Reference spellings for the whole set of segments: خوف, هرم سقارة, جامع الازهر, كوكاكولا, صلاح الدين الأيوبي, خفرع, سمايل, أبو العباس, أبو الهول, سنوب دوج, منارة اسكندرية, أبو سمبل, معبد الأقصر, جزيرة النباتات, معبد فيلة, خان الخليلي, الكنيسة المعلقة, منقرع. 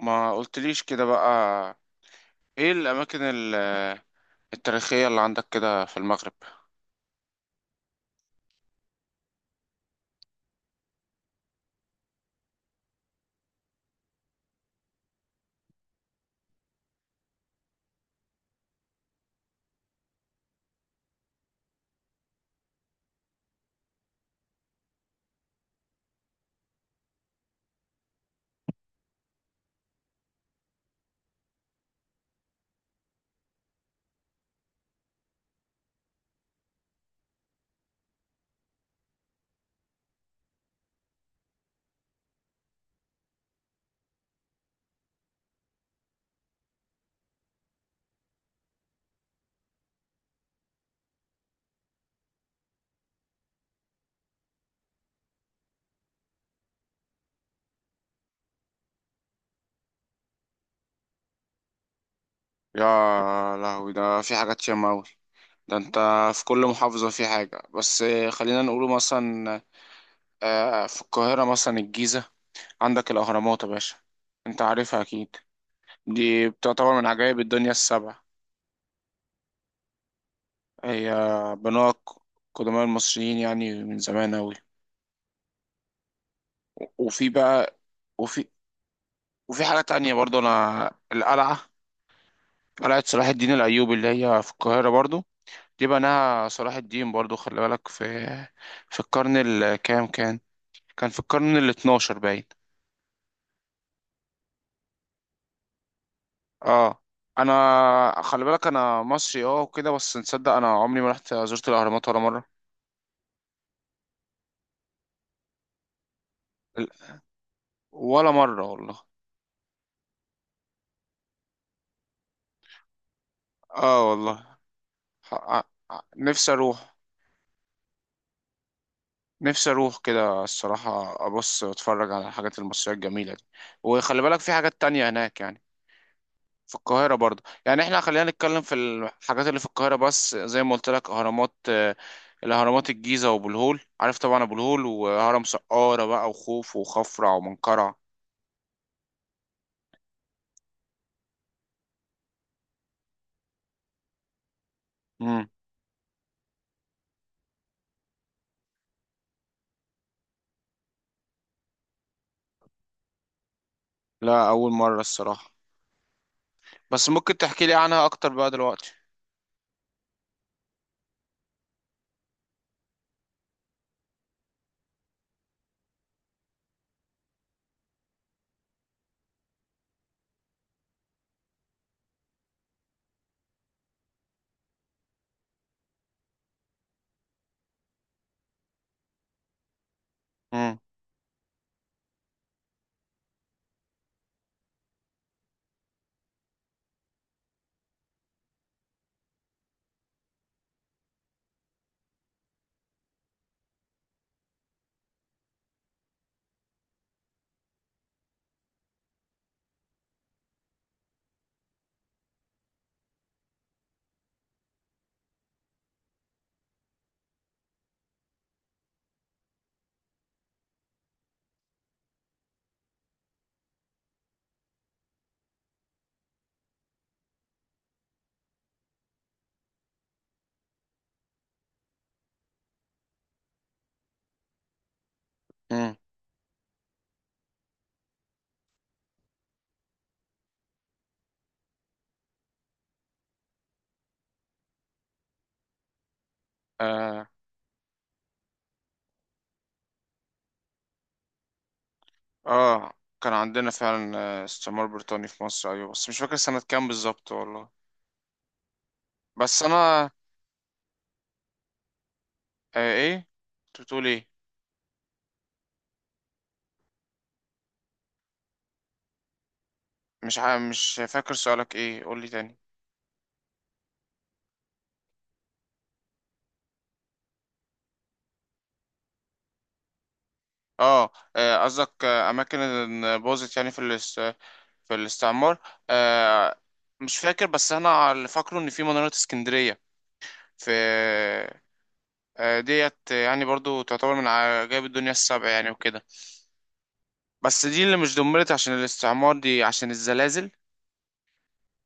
ما قلتليش كده بقى، ايه الاماكن التاريخية اللي عندك كده في المغرب؟ يا لهوي، ده في حاجات ياما اوي. ده انت في كل محافظة في حاجة. بس خلينا نقوله مثلا، في القاهرة مثلا الجيزة. عندك الاهرامات يا باشا، انت عارفها اكيد. دي بتعتبر من عجائب الدنيا السبع. هي بنوها قدماء المصريين، يعني من زمان اوي. وفي بقى، وفي وفي حاجة تانية برضه أنا القلعة. قلعة صلاح الدين الأيوبي اللي هي في القاهرة برضو. دي بناها صلاح الدين برضو. خلي بالك، في القرن الكام كان في القرن الاتناشر باين. اه، انا خلي بالك انا مصري، اه وكده، بس نصدق، انا عمري ما رحت زرت الاهرامات ولا مرة. ال- ولا مرة والله. اه والله. ح- ع- نفسي اروح نفسي اروح كده الصراحة، ابص واتفرج على الحاجات المصرية الجميلة دي. وخلي بالك، في حاجات تانية هناك يعني. في القاهرة برضه، يعني احنا خلينا نتكلم في الحاجات اللي في القاهرة بس. زي ما قلت لك، اهرامات، الاهرامات، الجيزة وابو الهول، عارف طبعا ابو الهول، وهرم سقارة بقى، وخوف وخفرع ومنقرع. امم. لا، اول مرة الصراحة. بس ممكن تحكي لي عنها اكتر بقى دلوقتي؟ امم، امم. آه. اه، كان عندنا فعلا، استعمار بريطاني في مصر، ايوه. بس مش فاكر سنة كام بالظبط والله. بس انا... ايه؟ انت بتقول ايه؟ مش فاكر سؤالك ايه، قول لي تاني. اه، قصدك اماكن إن باظت يعني في الاستعمار. آه، مش فاكر، بس انا اللي فاكره ان في منارة اسكندرية. في ديت يعني برضو تعتبر من عجائب الدنيا السبع يعني وكده. بس دي اللي مش دمرت عشان الاستعمار، دي عشان الزلازل.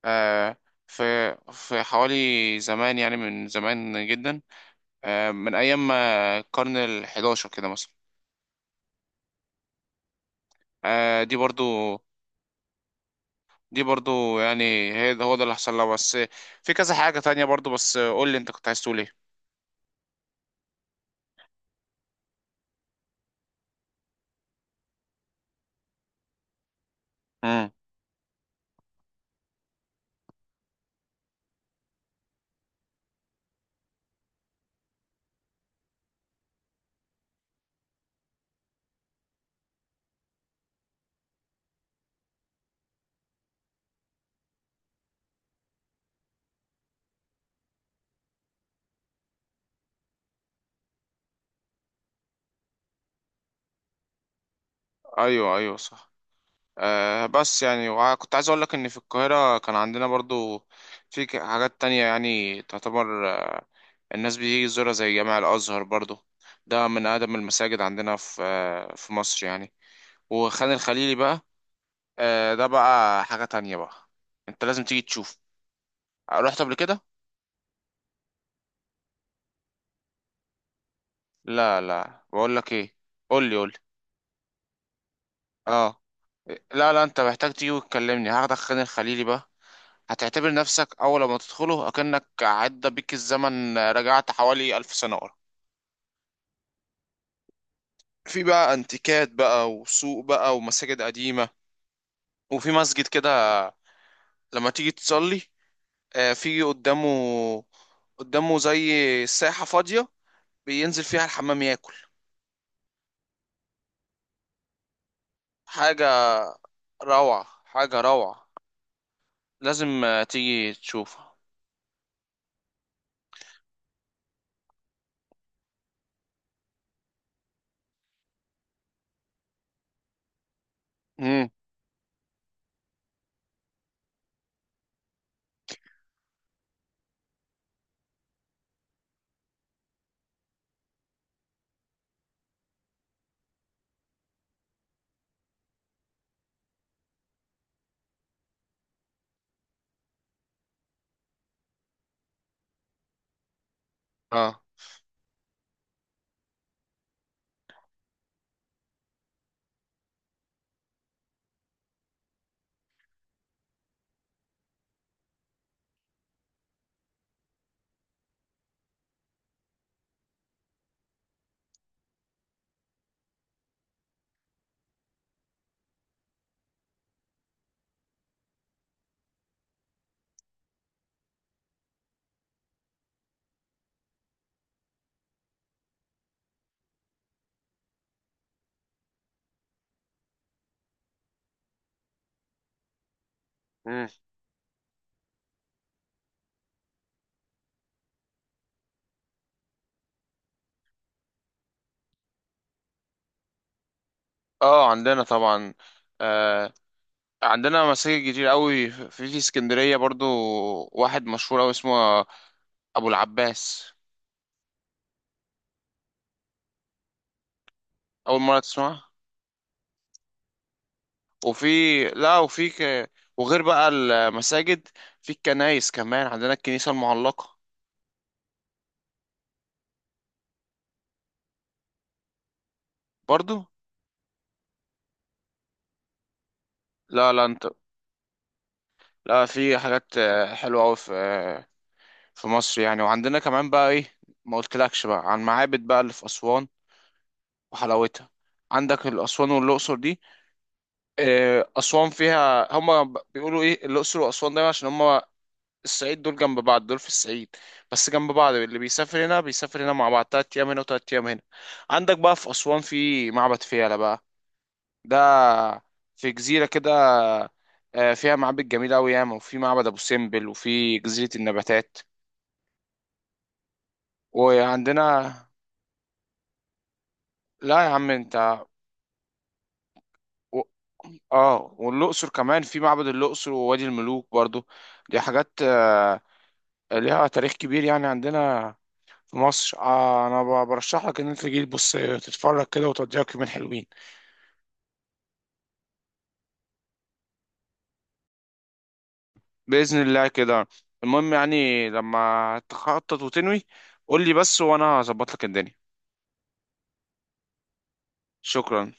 آه. في في حوالي زمان يعني، من زمان جدا، آه، من ايام ما القرن ال11 كده مثلا. آه، دي برضو يعني، هي ده، هو ده اللي حصل لها بس. في كذا حاجة تانية برضو. بس قول لي انت كنت عايز تقول ايه. امم. ايوه، ايوه، صح. آه، بس يعني، كنت عايز اقول لك ان في القاهرة كان عندنا برضو في حاجات تانية يعني، تعتبر الناس بتيجي تزورها، زي جامع الازهر برضو. ده من اقدم المساجد عندنا في مصر يعني. وخان الخليلي بقى، ده بقى حاجة تانية بقى. انت لازم تيجي تشوف. رحت قبل كده؟ لا، لا، بقول لك ايه. قول لي، قول لي. اه، لا، لا، انت محتاج تيجي وتكلمني، هاخدك خان الخليلي بقى. هتعتبر نفسك اول ما تدخله اكنك عدى بيك الزمن، رجعت حوالي 1000 سنة ورا. في بقى انتيكات بقى، وسوق بقى، ومساجد قديمة. وفي مسجد كده لما تيجي تصلي، في قدامه زي ساحة فاضية، بينزل فيها الحمام ياكل. حاجة روعة، حاجة روعة. لازم تيجي تشوفها. امم. اه، اه عندنا طبعا. آه عندنا مساجد كتير قوي في اسكندرية برضو. واحد مشهور قوي اسمه ابو العباس. اول مرة تسمعه؟ وفي... لا، وغير بقى المساجد، في الكنايس كمان، عندنا الكنيسة المعلقة برضو. لا، لا، انت... لا، في حاجات حلوة قوي في في مصر يعني. وعندنا كمان بقى ايه، ما قلتلكش بقى عن معابد بقى اللي في أسوان وحلاوتها. عندك الأسوان والأقصر دي. أسوان فيها، هما بيقولوا إيه الأقصر وأسوان دايما عشان هما الصعيد، دول جنب بعض، دول في الصعيد، بس جنب بعض. اللي بيسافر هنا بيسافر هنا مع بعض، 3 أيام هنا وتلات أيام هنا. عندك بقى في أسوان في معبد فيلة بقى، ده في جزيرة كده، فيها معابد جميلة أوي ياما، وفي معبد أبو سمبل، وفي جزيرة النباتات. وعندنا... لا يا عم أنت! و- والأقصر كمان في معبد الأقصر ووادي الملوك برضو. دي حاجات ليها تاريخ كبير يعني، عندنا في مصر. انا برشح لك ان انت تجي تبص تتفرج كده، وتضيعك يومين حلوين. باذن الله كده. المهم يعني، لما تخطط وتنوي قول لي بس، وانا هظبط لك الدنيا. شكرا.